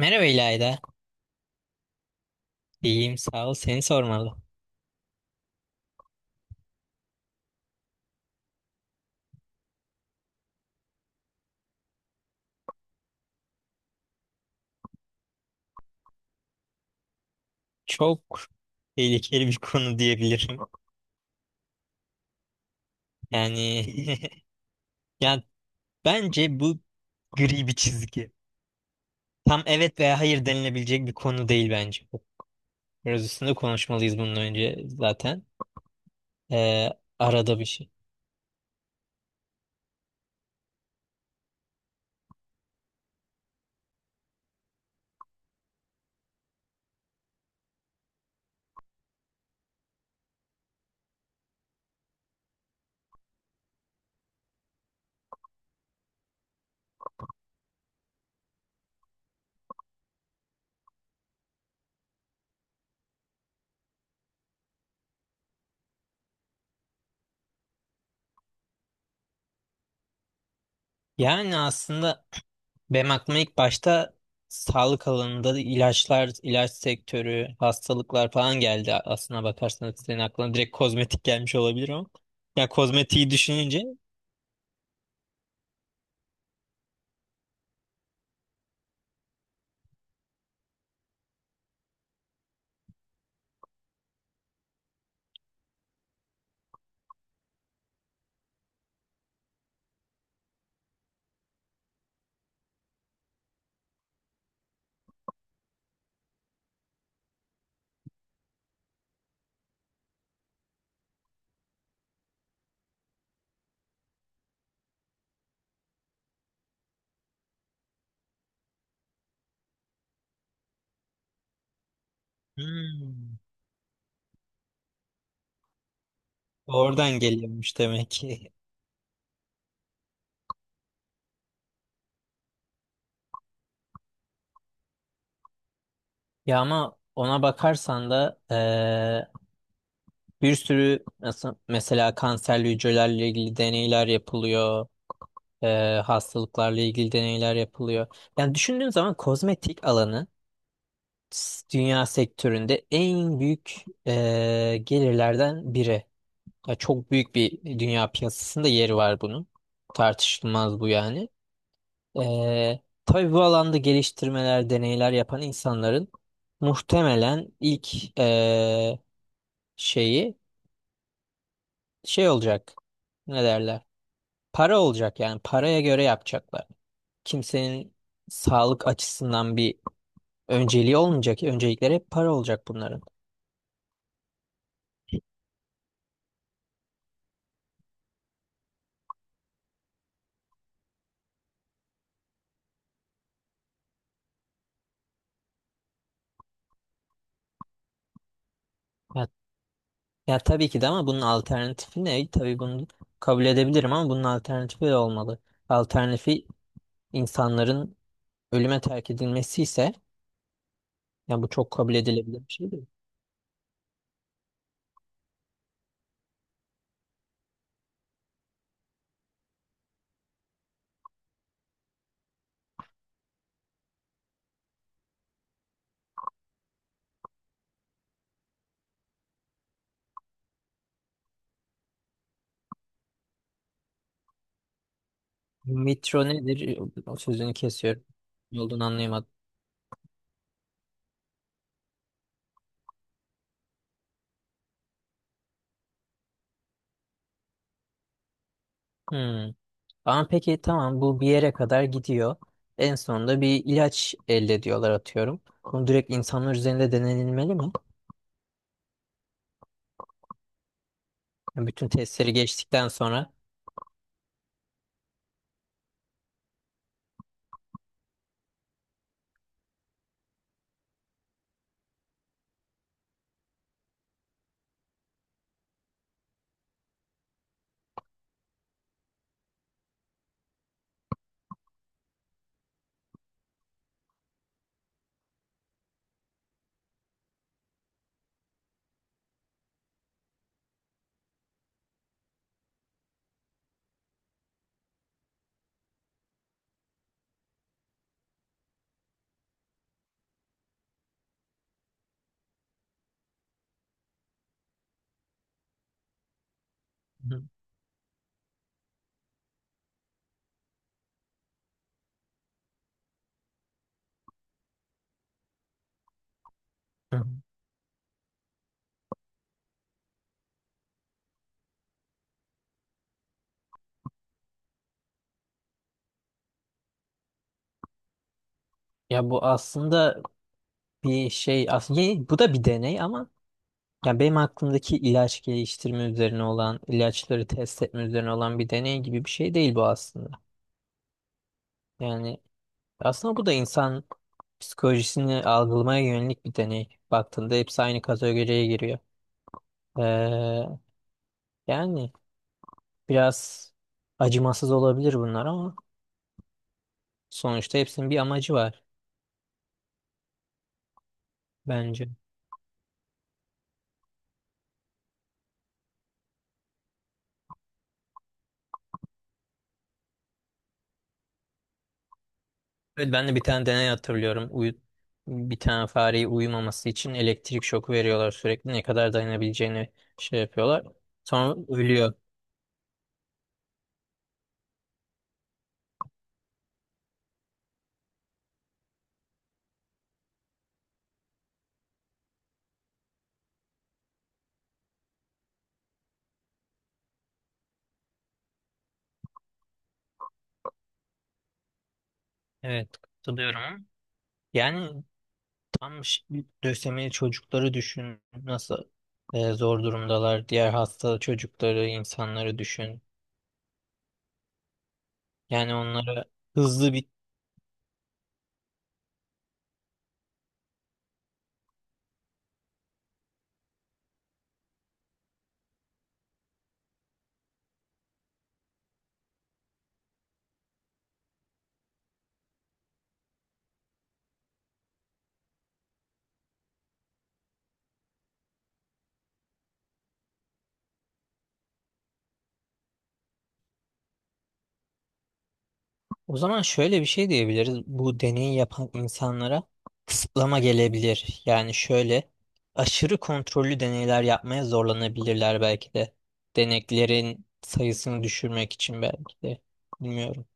Merhaba İlayda. İyiyim sağ ol. Seni sormalı. Çok tehlikeli bir konu diyebilirim. Yani yani bence bu gri bir çizgi. Tam evet veya hayır denilebilecek bir konu değil bence. Biraz üstünde konuşmalıyız bunun önce zaten. Ee, Arada bir şey. Yani aslında Benim aklıma ilk başta sağlık alanında da ilaçlar, ilaç sektörü, hastalıklar falan geldi. Aslına bakarsanız senin aklına direkt kozmetik gelmiş olabilir ama. Ya kozmetiği düşününce. Hmm. Oradan geliyormuş demek ki. Ya ama ona bakarsan da bir sürü nasıl mesela kanserli hücrelerle ilgili deneyler yapılıyor, hastalıklarla ilgili deneyler yapılıyor. Yani düşündüğün zaman kozmetik alanı dünya sektöründe en büyük gelirlerden biri. Ya çok büyük bir dünya piyasasında yeri var bunun. Tartışılmaz bu yani. E, tabii bu alanda geliştirmeler, deneyler yapan insanların muhtemelen ilk şeyi şey olacak. Ne derler? Para olacak yani paraya göre yapacaklar. Kimsenin sağlık açısından bir önceliği olmayacak. Öncelikleri hep para olacak bunların. Ya, ya tabii ki de ama bunun alternatifi ne? Tabii bunu kabul edebilirim ama bunun alternatifi de olmalı. Alternatifi insanların ölüme terk edilmesi ise ya bu çok kabul edilebilir bir şey değil. Metro nedir? O sözünü kesiyorum. Ne olduğunu anlayamadım. Hmm. Ama peki tamam bu bir yere kadar gidiyor. En sonunda bir ilaç elde ediyorlar atıyorum. Bunu direkt insanlar üzerinde denenilmeli mi? Yani bütün testleri geçtikten sonra. Hı hı. Ya bu aslında, bir şey aslında bu da bir deney ama yani benim aklımdaki ilaç geliştirme üzerine olan ilaçları test etme üzerine olan bir deney gibi bir şey değil bu aslında. Yani aslında bu da insan psikolojisini algılamaya yönelik bir deney. Baktığında hepsi aynı kategoriye giriyor. Ee, Yani biraz acımasız olabilir bunlar ama sonuçta hepsinin bir amacı var bence. Evet, ben de bir tane deney hatırlıyorum. Bir tane fareyi uyumaması için elektrik şoku veriyorlar sürekli. Ne kadar dayanabileceğini şey yapıyorlar. Sonra ölüyor. Evet, katılıyorum. Yani tam ş- lösemili çocukları düşün. Nasıl zor durumdalar. Diğer hasta çocukları, insanları düşün. Yani onlara hızlı bir. O zaman şöyle bir şey diyebiliriz. Bu deneyi yapan insanlara kısıtlama gelebilir. Yani şöyle aşırı kontrollü deneyler yapmaya zorlanabilirler belki de. Deneklerin sayısını düşürmek için belki de. Bilmiyorum.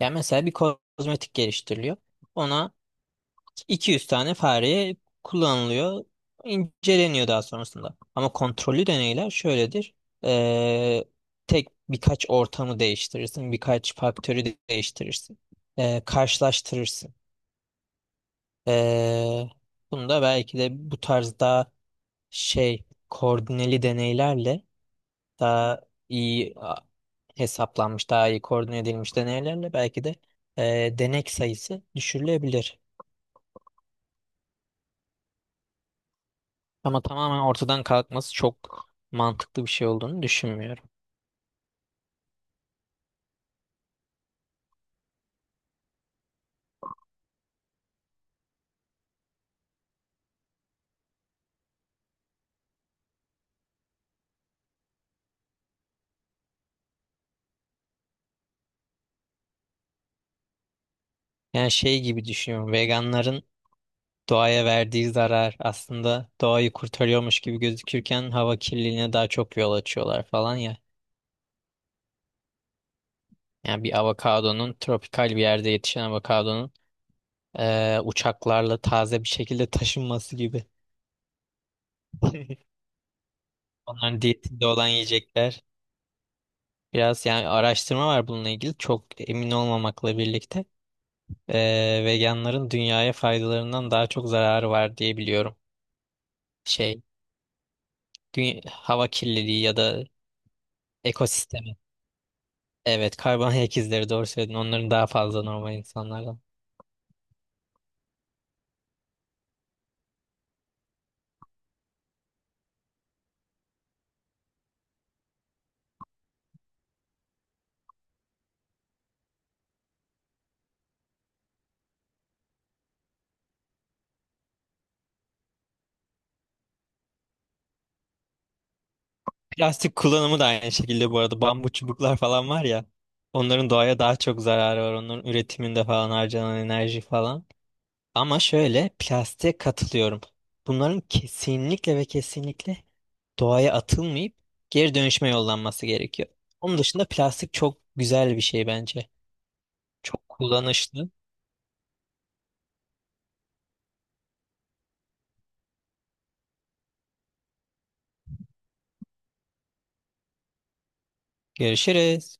Yani mesela bir kozmetik geliştiriliyor. Ona 200 tane fareye kullanılıyor, inceleniyor daha sonrasında. Ama kontrollü deneyler şöyledir. Ee, Tek birkaç ortamı değiştirirsin. Birkaç faktörü değiştirirsin. Karşılaştırırsın. Ee, Bunu da belki de bu tarz daha şey koordineli deneylerle daha iyi hesaplanmış, daha iyi koordine edilmiş deneylerle belki de denek sayısı düşürülebilir. Ama tamamen ortadan kalkması çok mantıklı bir şey olduğunu düşünmüyorum. Yani şey gibi düşünüyorum. Veganların doğaya verdiği zarar aslında doğayı kurtarıyormuş gibi gözükürken hava kirliliğine daha çok yol açıyorlar falan ya. Yani bir avokadonun tropikal bir yerde yetişen avokadonun uçaklarla taze bir şekilde taşınması gibi. Onların diyetinde olan yiyecekler. Biraz yani araştırma var bununla ilgili çok emin olmamakla birlikte. Veganların dünyaya faydalarından daha çok zararı var diye biliyorum. Şey, hava kirliliği ya da ekosistemi. Evet, karbon ayak izleri doğru söyledin. Onların daha fazla normal insanlardan. Plastik kullanımı da aynı şekilde bu arada. Bambu çubuklar falan var ya. Onların doğaya daha çok zararı var. Onların üretiminde falan harcanan enerji falan. Ama şöyle plastiğe katılıyorum. Bunların kesinlikle ve kesinlikle doğaya atılmayıp geri dönüşme yollanması gerekiyor. Onun dışında plastik çok güzel bir şey bence. Çok kullanışlı. Görüşürüz.